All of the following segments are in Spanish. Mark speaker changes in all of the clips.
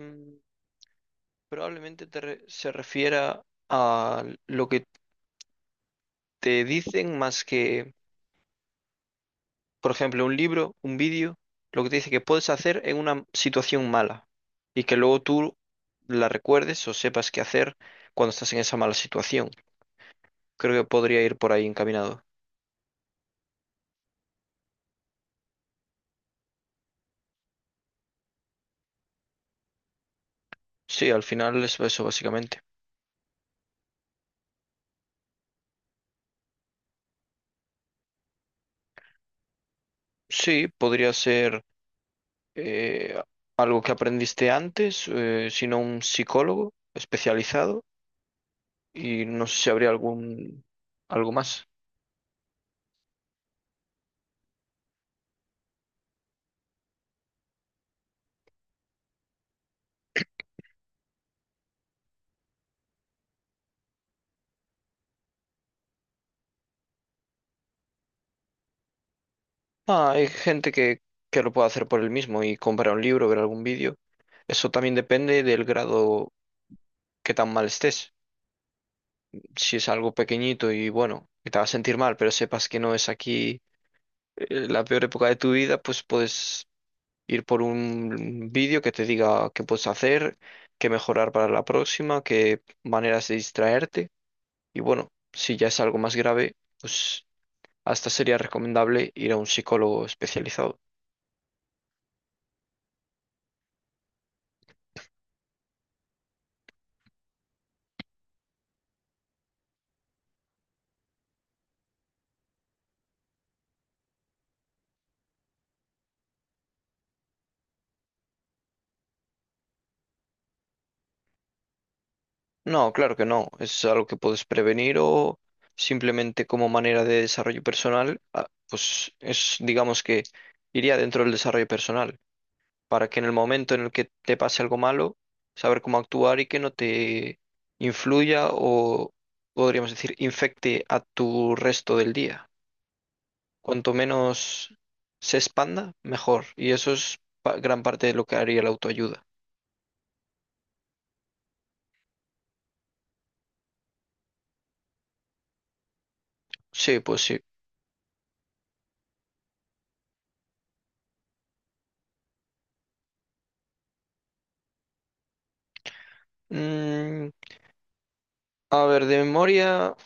Speaker 1: Mm, probablemente se refiera a lo que te dicen más que, por ejemplo, un libro, un vídeo, lo que te dice que puedes hacer en una situación mala y que luego tú la recuerdes o sepas qué hacer cuando estás en esa mala situación. Creo que podría ir por ahí encaminado. Sí, al final es eso básicamente. Sí, podría ser eh, algo que aprendiste antes, sino un psicólogo especializado y no sé si habría algún algo más. Ah, hay gente que lo puede hacer por él mismo y comprar un libro, ver algún vídeo. Eso también depende del grado que tan mal estés. Si es algo pequeñito y bueno, que te vas a sentir mal, pero sepas que no es aquí la peor época de tu vida, pues puedes ir por un vídeo que te diga qué puedes hacer, qué mejorar para la próxima, qué maneras de distraerte. Y bueno, si ya es algo más grave, pues hasta sería recomendable ir a un psicólogo especializado. No, claro que no. Es algo que puedes prevenir o simplemente como manera de desarrollo personal, ah, pues es, digamos que iría dentro del desarrollo personal, para que en el momento en el que te pase algo malo, saber cómo actuar y que no te influya o podríamos decir infecte a tu resto del día. Cuanto menos se expanda, mejor. Y eso es gran parte de lo que haría la autoayuda. Sí, pues sí. Mm, a ver, de memoria.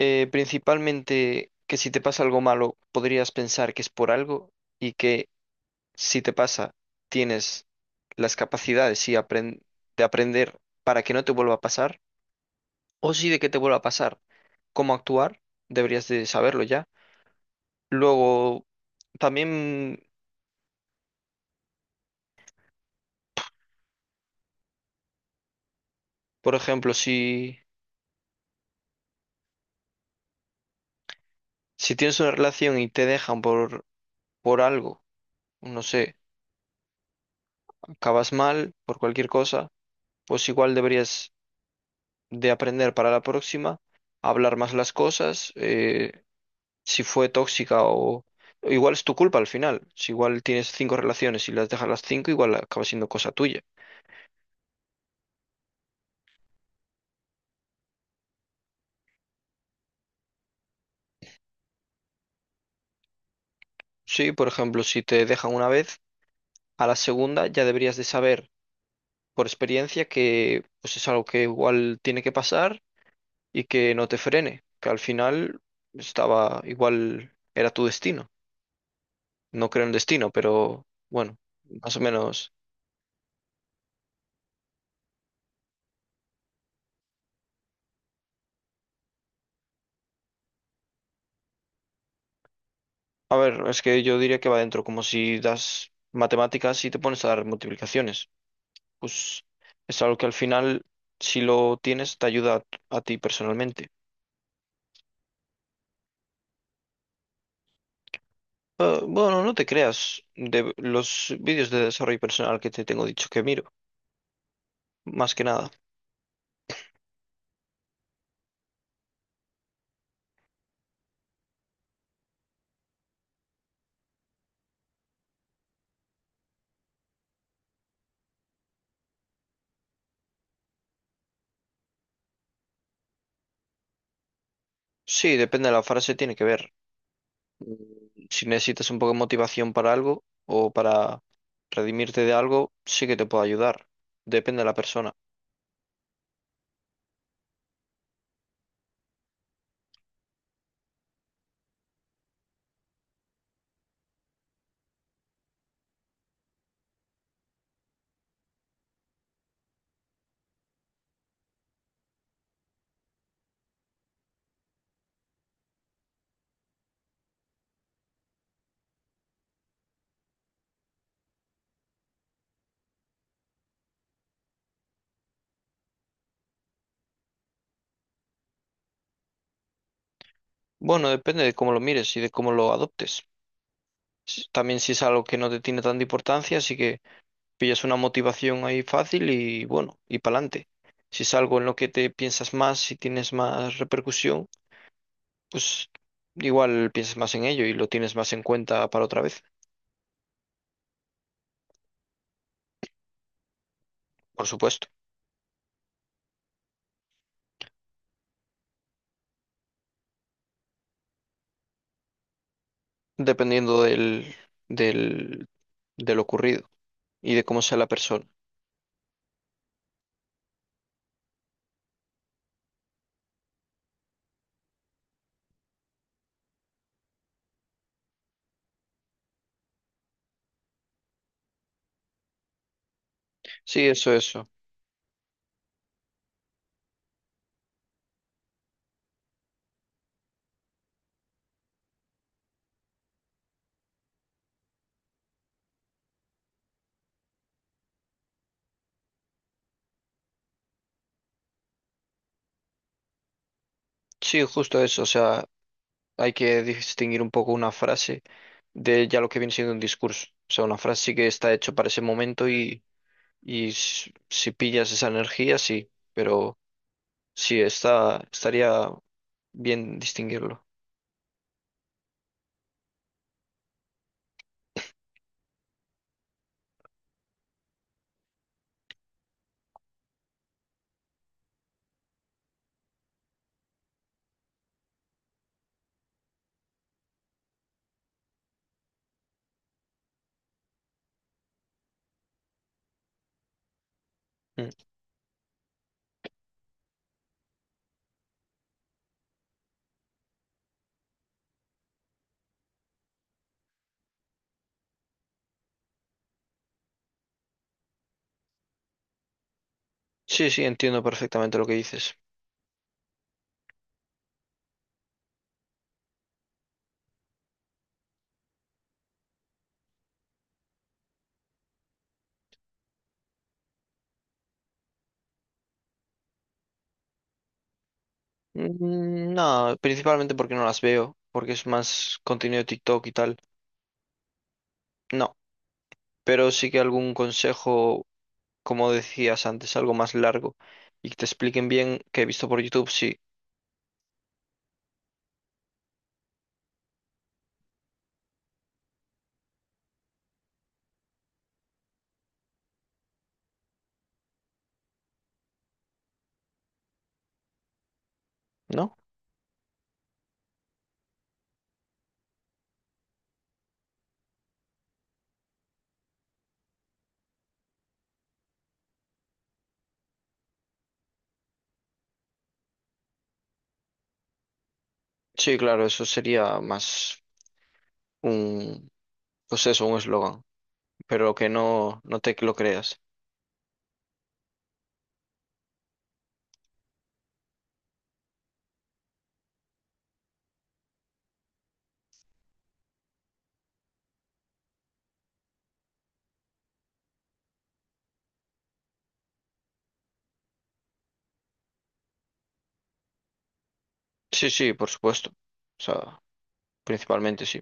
Speaker 1: Principalmente que si te pasa algo malo, podrías pensar que es por algo y que si te pasa, tienes las capacidades y de aprender para que no te vuelva a pasar, o si de que te vuelva a pasar, cómo actuar, deberías de saberlo ya. Luego, también, por ejemplo, si tienes una relación y te dejan por algo, no sé, acabas mal por cualquier cosa, pues igual deberías de aprender para la próxima, hablar más las cosas, si fue tóxica o... Igual es tu culpa al final. Si igual tienes cinco relaciones y las dejas las cinco, igual acaba siendo cosa tuya. Sí, por ejemplo, si te dejan una vez, a la segunda ya deberías de saber por experiencia que pues es algo que igual tiene que pasar y que no te frene, que al final estaba igual era tu destino. No creo en destino, pero bueno, más o menos. A ver, es que yo diría que va dentro, como si das matemáticas y te pones a dar multiplicaciones. Pues es algo que al final, si lo tienes, te ayuda a ti personalmente. Bueno, no te creas, de los vídeos de desarrollo personal que te tengo dicho que miro, más que nada. Sí, depende de la frase, tiene que ver. Mm, si necesitas un poco de motivación para algo o para redimirte de algo, sí que te puede ayudar. Depende de la persona. Bueno, depende de cómo lo mires y de cómo lo adoptes. También si es algo que no te tiene tanta importancia, así que pillas una motivación ahí fácil y bueno, y para adelante. Si es algo en lo que te piensas más, si tienes más repercusión, pues igual piensas más en ello y lo tienes más en cuenta para otra vez, por supuesto, dependiendo del, de lo ocurrido y de cómo sea la persona. Sí, eso, eso. Sí, justo eso. O sea, hay que distinguir un poco una frase de ya lo que viene siendo un discurso. O sea, una frase sí que está hecho para ese momento. Y si pillas esa energía, sí, pero sí, está, estaría bien distinguirlo. Mm. Sí, sí, entiendo perfectamente lo que dices. Mm, no, principalmente porque no las veo, porque es más contenido de TikTok y tal. No, pero sí que algún consejo como decías antes, algo más largo y que te expliquen bien que he visto por YouTube, sí, ¿no? Sí, claro, eso sería más un, pues eso, un eslogan, pero que no, no te lo creas. Sí, sí, por supuesto. O sea, principalmente sí.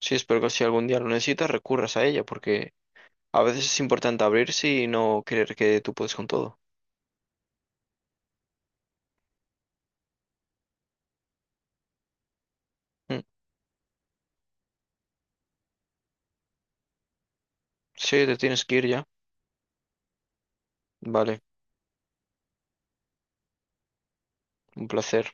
Speaker 1: Sí, espero que si algún día lo necesitas, recurras a ella, porque a veces es importante abrirse y no creer que tú puedes con todo. Mm. Sí, te tienes que ir ya. Vale, un placer.